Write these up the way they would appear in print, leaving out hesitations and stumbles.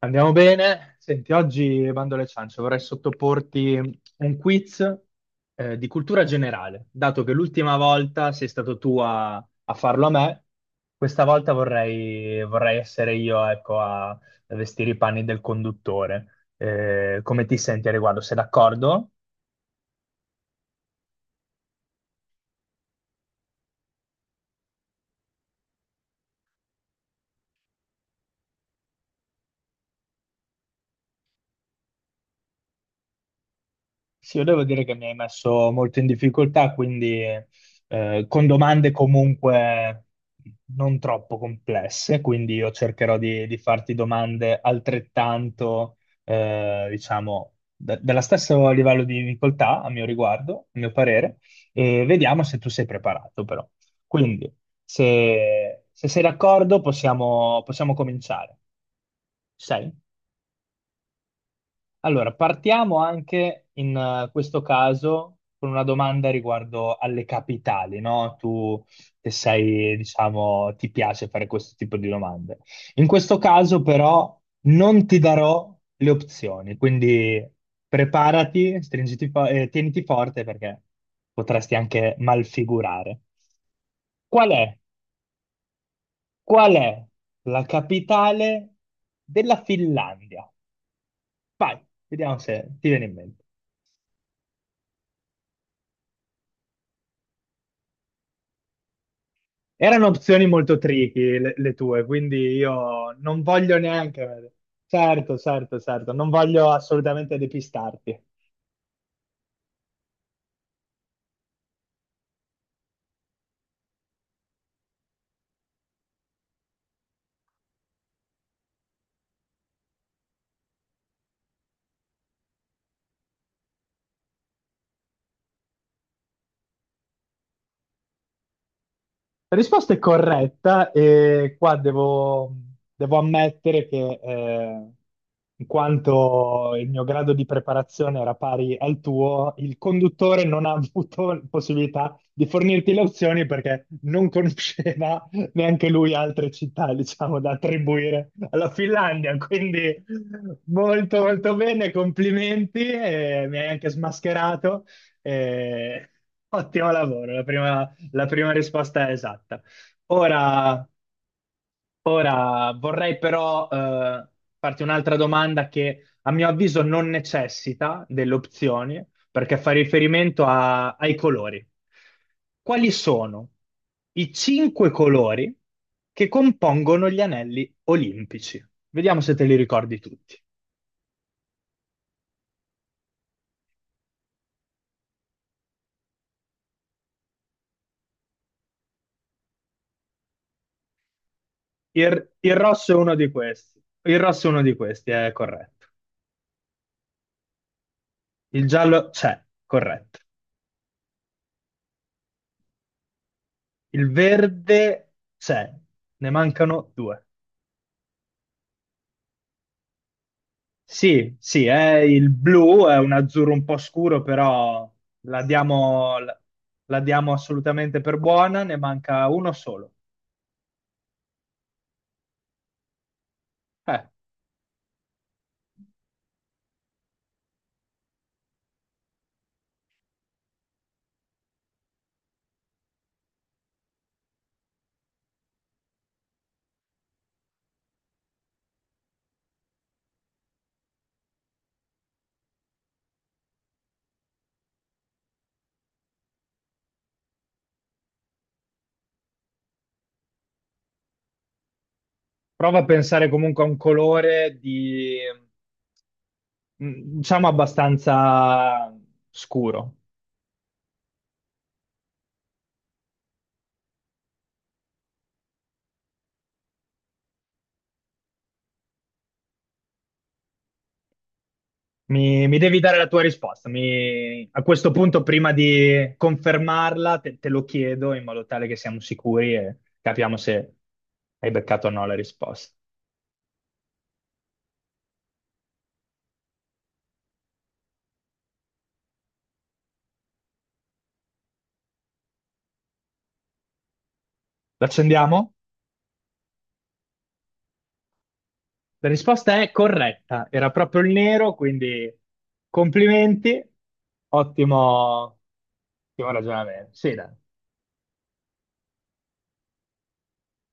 Andiamo bene. Senti, oggi bando alle ciance, vorrei sottoporti un quiz di cultura generale. Dato che l'ultima volta sei stato tu a farlo a me, questa volta vorrei essere io, ecco, a vestire i panni del conduttore. Come ti senti a riguardo? Sei d'accordo? Sì, io devo dire che mi hai messo molto in difficoltà, quindi con domande comunque non troppo complesse, quindi io cercherò di farti domande altrettanto, diciamo, dello stesso livello di difficoltà a mio riguardo, a mio parere, e vediamo se tu sei preparato però. Quindi, se sei d'accordo, possiamo cominciare. Ci sei? Allora, partiamo anche in questo caso con una domanda riguardo alle capitali, no? Tu che sei, diciamo, ti piace fare questo tipo di domande. In questo caso però non ti darò le opzioni, quindi preparati, stringiti tieniti forte perché potresti anche malfigurare. Qual è, qual è la capitale della Finlandia? Vai, vediamo se ti viene in mente. Erano opzioni molto tricky le tue, quindi io non voglio neanche... Certo, certo, certo, non voglio assolutamente depistarti. La risposta è corretta e qua devo ammettere che in quanto il mio grado di preparazione era pari al tuo, il conduttore non ha avuto possibilità di fornirti le opzioni perché non conosceva neanche lui altre città, diciamo, da attribuire alla Finlandia. Quindi molto molto bene, complimenti, e mi hai anche smascherato. e Ottimo lavoro, la prima risposta è esatta. Ora, vorrei però farti un'altra domanda che a mio avviso non necessita delle opzioni, perché fa riferimento ai colori. Quali sono i cinque colori che compongono gli anelli olimpici? Vediamo se te li ricordi tutti. Il rosso è uno di questi. Il rosso è uno di questi, è corretto. Il giallo c'è, corretto. Il verde c'è, ne mancano due. Sì, sì, è il blu, è un azzurro un po' scuro, però la diamo, la la diamo assolutamente per buona, ne manca uno solo. Eh, Prova a pensare comunque a un colore di, diciamo, abbastanza scuro. Mi devi dare la tua risposta. A questo punto, prima di confermarla, te lo chiedo in modo tale che siamo sicuri e capiamo se hai beccato o no la risposta. L'accendiamo? La risposta è corretta. Era proprio il nero, quindi complimenti. Ottimo, ottimo ragionamento. Sì, dai.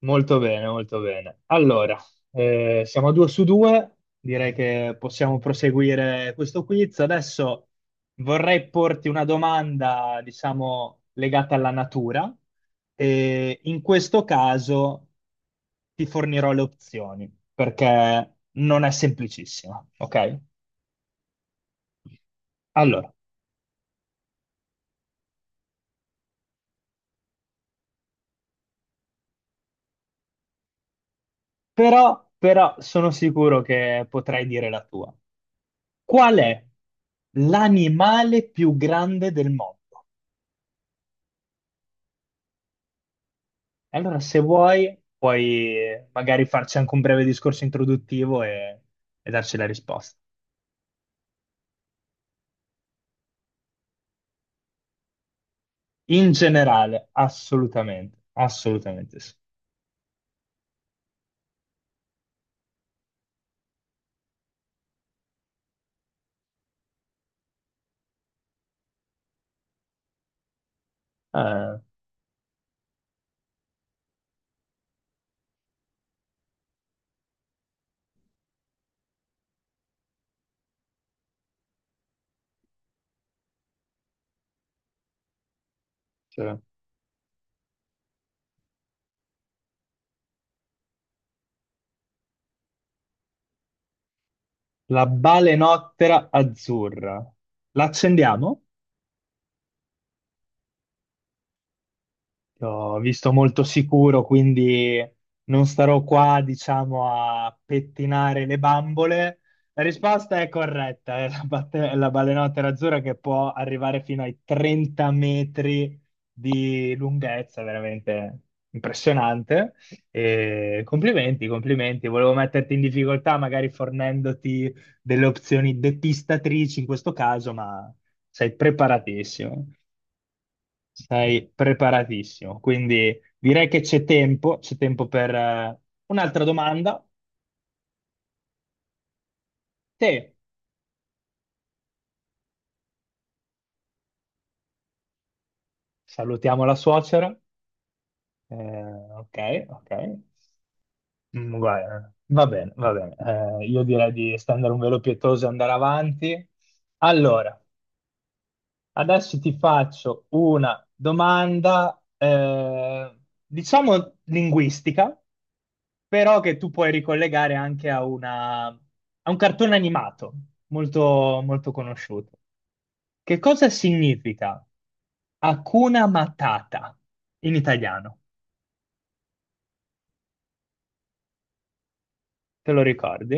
Molto bene, molto bene. Allora, siamo a due su due, direi che possiamo proseguire questo quiz. Adesso vorrei porti una domanda, diciamo, legata alla natura e in questo caso ti fornirò le opzioni perché non è semplicissima, ok? Allora, però sono sicuro che potrai dire la tua. Qual è l'animale più grande del mondo? E allora, se vuoi, puoi magari farci anche un breve discorso introduttivo e darci la risposta. In generale, assolutamente, assolutamente sì. Eh, Cioè, la balenottera azzurra, l'accendiamo? Ti ho visto molto sicuro, quindi non starò qua, diciamo, a pettinare le bambole. La risposta è corretta, è la balenottera azzurra che può arrivare fino ai 30 metri di lunghezza, veramente impressionante. E complimenti, complimenti. Volevo metterti in difficoltà, magari fornendoti delle opzioni depistatrici in questo caso, ma sei preparatissimo. Sei preparatissimo, quindi direi che c'è tempo per un'altra domanda. Te, salutiamo la suocera. Ok, ok. Guarda, va bene, va bene. Io direi di stendere un velo pietoso e andare avanti. Allora, adesso ti faccio una domanda, diciamo linguistica. Però che tu puoi ricollegare anche a un cartone animato molto, molto conosciuto. Che cosa significa Hakuna Matata in italiano? Te lo ricordi?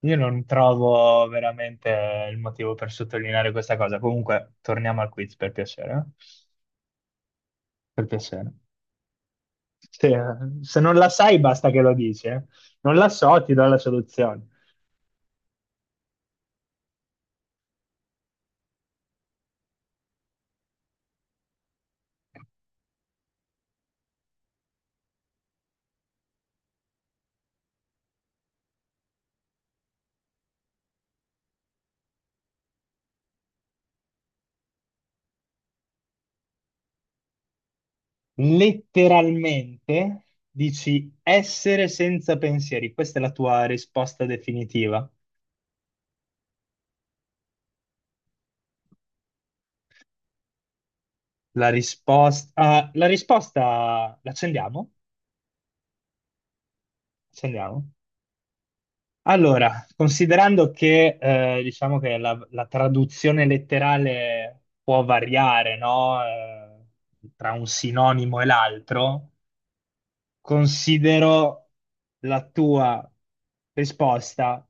Io non trovo veramente il motivo per sottolineare questa cosa. Comunque, torniamo al quiz per piacere. Eh? Per piacere. Se, se non la sai, basta che lo dici. Eh. Non la so, ti do la soluzione. Letteralmente dici essere senza pensieri. Questa è la tua risposta definitiva. La risposta l'accendiamo? Accendiamo. Allora, considerando che diciamo che la traduzione letterale può variare, no? Tra un sinonimo e l'altro, considero la tua risposta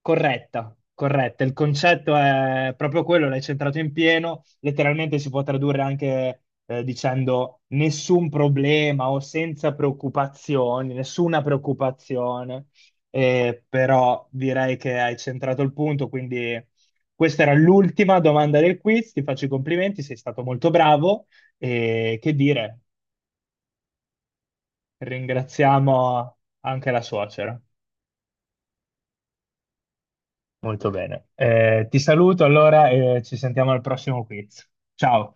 corretta, corretta. Il concetto è proprio quello, l'hai centrato in pieno. Letteralmente si può tradurre anche dicendo nessun problema o senza preoccupazioni, nessuna preoccupazione. Però direi che hai centrato il punto, quindi questa era l'ultima domanda del quiz. Ti faccio i complimenti, sei stato molto bravo e che dire, ringraziamo anche la suocera. Molto bene. Ti saluto allora e ci sentiamo al prossimo quiz. Ciao.